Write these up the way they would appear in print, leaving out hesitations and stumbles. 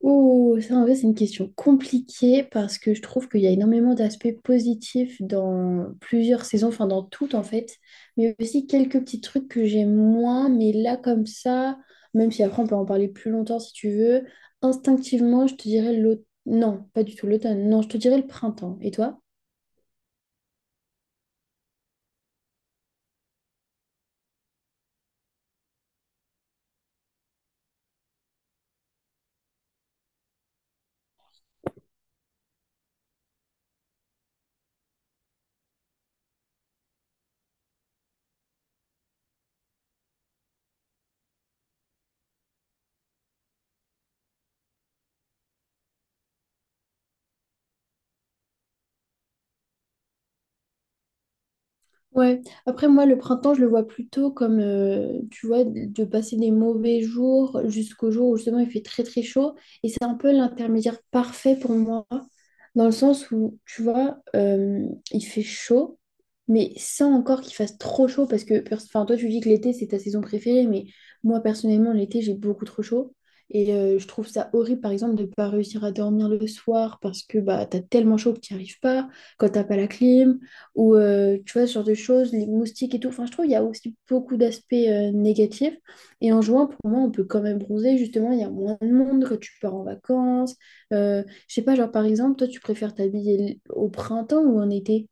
Ouh, ça en fait, c'est une question compliquée parce que je trouve qu'il y a énormément d'aspects positifs dans plusieurs saisons, enfin dans toutes en fait, mais aussi quelques petits trucs que j'aime moins, mais là comme ça, même si après on peut en parler plus longtemps si tu veux, instinctivement, je te dirais l'automne. Non, pas du tout l'automne, non, je te dirais le printemps. Et toi? Ouais, après moi le printemps je le vois plutôt comme tu vois de passer des mauvais jours jusqu'au jour où justement il fait très très chaud et c'est un peu l'intermédiaire parfait pour moi dans le sens où tu vois il fait chaud mais sans encore qu'il fasse trop chaud parce que enfin toi tu dis que l'été c'est ta saison préférée mais moi personnellement l'été j'ai beaucoup trop chaud et je trouve ça horrible par exemple de ne pas réussir à dormir le soir parce que bah t'as tellement chaud que tu n'y arrives pas quand t'as pas la clim ou tu vois, ce genre de choses, les moustiques et tout. Enfin, je trouve qu'il y a aussi beaucoup d'aspects négatifs. Et en jouant, pour moi, on peut quand même bronzer. Justement, il y a moins de monde quand tu pars en vacances. Je sais pas, genre par exemple, toi, tu préfères t'habiller au printemps ou en été?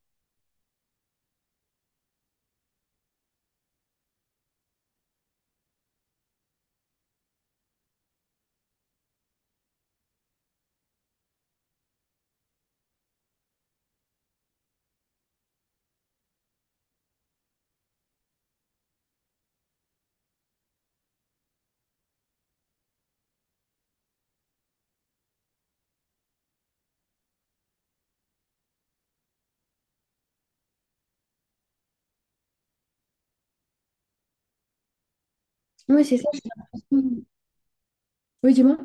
Oui, c'est ça. je- Oui, dis-moi.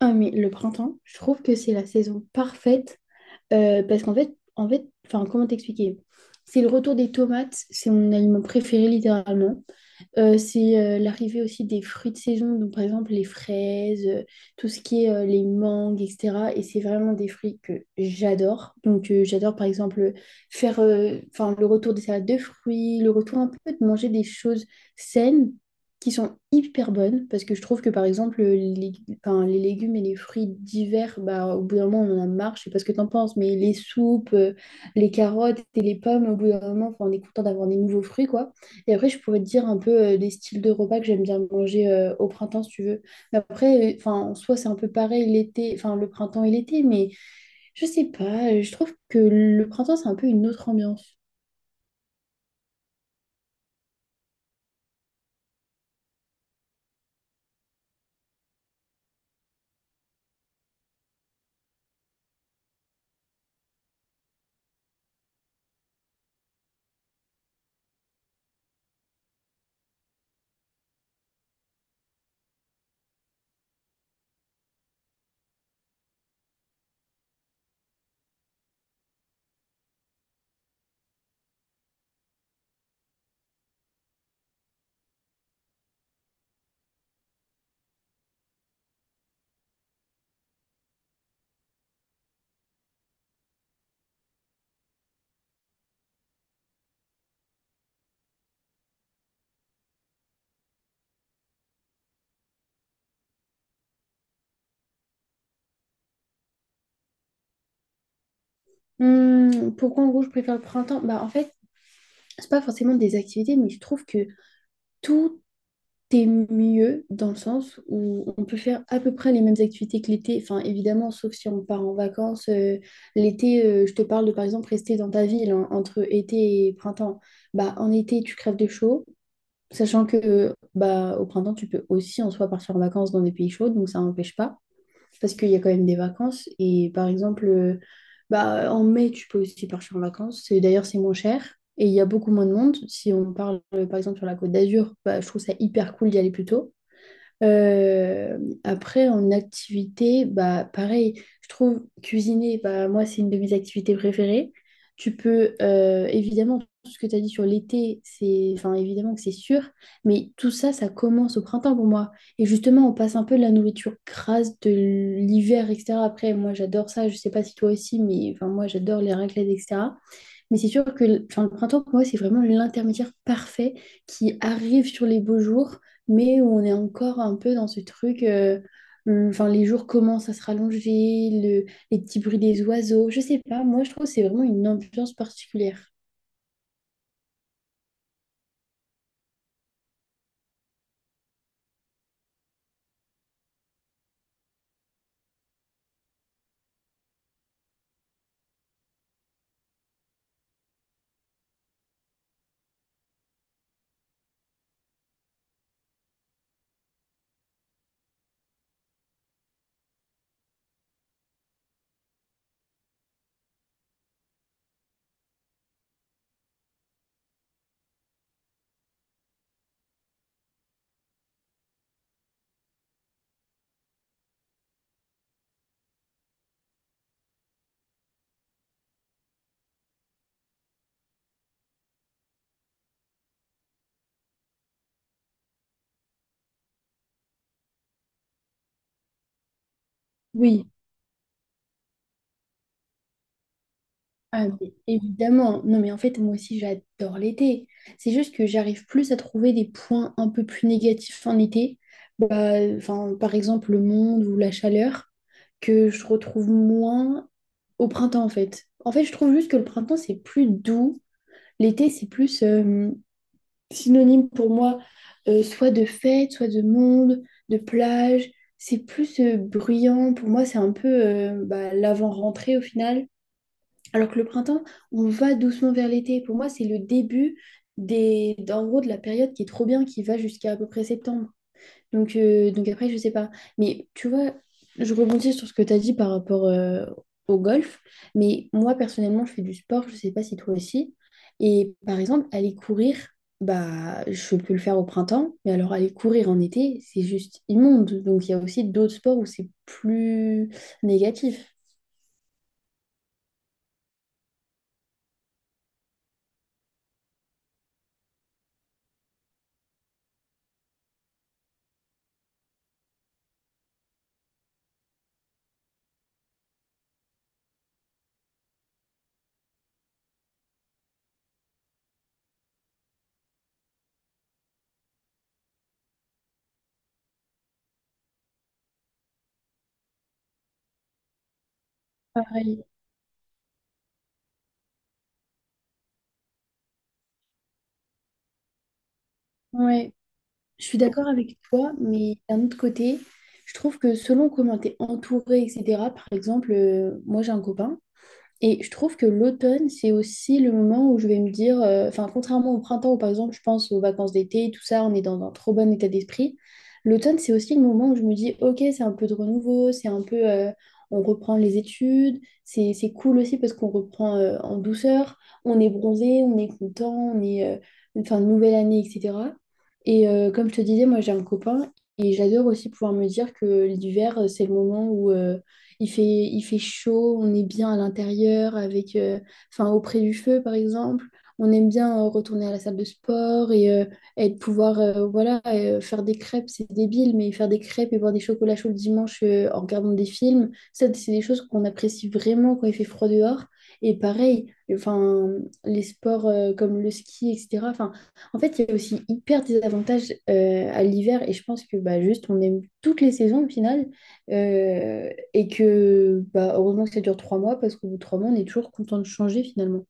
Ah, mais le printemps, je trouve que c'est la saison parfaite parce qu'en fait, enfin, comment t'expliquer? C'est le retour des tomates, c'est mon aliment préféré littéralement. C'est l'arrivée aussi des fruits de saison, donc par exemple les fraises, tout ce qui est les mangues, etc. Et c'est vraiment des fruits que j'adore. Donc j'adore par exemple faire enfin, le retour des salades de fruits, le retour un peu de manger des choses saines qui sont hyper bonnes, parce que je trouve que par exemple enfin, les légumes et les fruits d'hiver, bah, au bout d'un moment on en a marre, je sais pas ce que t'en penses, mais les soupes, les carottes et les pommes, au bout d'un moment enfin, on est content d'avoir des nouveaux fruits, quoi. Et après, je pourrais te dire un peu les styles de repas que j'aime bien manger au printemps, si tu veux. Mais après, enfin, en soi, c'est un peu pareil l'été, enfin, le printemps et l'été, mais je sais pas, je trouve que le printemps, c'est un peu une autre ambiance. Pourquoi, en gros, je préfère le printemps? Bah, en fait, c'est pas forcément des activités, mais je trouve que tout c'est mieux dans le sens où on peut faire à peu près les mêmes activités que l'été. Enfin, évidemment, sauf si on part en vacances. L'été, je te parle de, par exemple, rester dans ta ville hein, entre été et printemps. Bah, en été, tu crèves de chaud, sachant que bah, au printemps, tu peux aussi en soi partir en vacances dans des pays chauds, donc ça n'empêche pas parce qu'il y a quand même des vacances. Et par exemple, bah, en mai, tu peux aussi partir en vacances. D'ailleurs, c'est moins cher et il y a beaucoup moins de monde. Si on parle, par exemple, sur la Côte d'Azur, bah, je trouve ça hyper cool d'y aller plus tôt. Euh, Après, en activité, bah, pareil, je trouve cuisiner, bah, moi, c'est une de mes activités préférées. Tu peux, évidemment, tout ce que tu as dit sur l'été, c'est, enfin, évidemment que c'est sûr, mais tout ça, ça commence au printemps pour moi. Et justement, on passe un peu de la nourriture grasse de l'hiver, etc. Après, moi, j'adore ça, je sais pas si toi aussi, mais enfin, moi, j'adore les raclettes, etc. Mais c'est sûr que enfin, le printemps, pour moi, c'est vraiment l'intermédiaire parfait qui arrive sur les beaux jours, mais où on est encore un peu dans ce truc. Enfin, les jours commencent à se rallonger, les petits bruits des oiseaux. Je sais pas, moi, je trouve que c'est vraiment une ambiance particulière. Oui. Ah, mais évidemment. Non, mais en fait, moi aussi, j'adore l'été. C'est juste que j'arrive plus à trouver des points un peu plus négatifs en été. Bah, enfin, par exemple, le monde ou la chaleur, que je retrouve moins au printemps, en fait. En fait, je trouve juste que le printemps, c'est plus doux. L'été, c'est plus synonyme pour moi, soit de fête, soit de monde, de plage. C'est plus bruyant. Pour moi, c'est un peu bah, l'avant-rentrée au final. Alors que le printemps, on va doucement vers l'été. Pour moi, c'est le début des, d'en gros, de la période qui est trop bien, qui va jusqu'à à peu près septembre. Donc après, je sais pas. Mais tu vois, je rebondis sur ce que tu as dit par rapport au golf. Mais moi, personnellement, je fais du sport. Je sais pas si toi aussi. Et par exemple, aller courir, bah, je peux le faire au printemps. Mais alors, aller courir en été, c'est juste immonde. Donc, il y a aussi d'autres sports où c'est plus négatif. Pareil. Ouais. Je suis d'accord avec toi, mais d'un autre côté, je trouve que selon comment tu es entouré, etc., par exemple, moi j'ai un copain, et je trouve que l'automne, c'est aussi le moment où je vais me dire, enfin, contrairement au printemps où, par exemple, je pense aux vacances d'été, tout ça, on est dans un trop bon état d'esprit. L'automne, c'est aussi le moment où je me dis, ok, c'est un peu de renouveau, c'est un peu, on reprend les études, c'est cool aussi parce qu'on reprend en douceur, on est bronzé, on est content, on est, enfin, nouvelle année, etc. Et comme je te disais, moi, j'ai un copain et j'adore aussi pouvoir me dire que l'hiver, c'est le moment où… il fait chaud, on est bien à l'intérieur, avec, enfin, auprès du feu, par exemple. On aime bien retourner à la salle de sport et de pouvoir voilà, faire des crêpes, c'est débile, mais faire des crêpes et boire des chocolats chauds le dimanche en regardant des films, ça, c'est des choses qu'on apprécie vraiment quand il fait froid dehors. Et pareil, enfin, les sports comme le ski, etc. Enfin, en fait, il y a aussi hyper des avantages à l'hiver et je pense que bah, juste on aime toutes les saisons au final euh, et que bah, heureusement que ça dure 3 mois parce qu'au bout de trois mois, on est toujours content de changer finalement.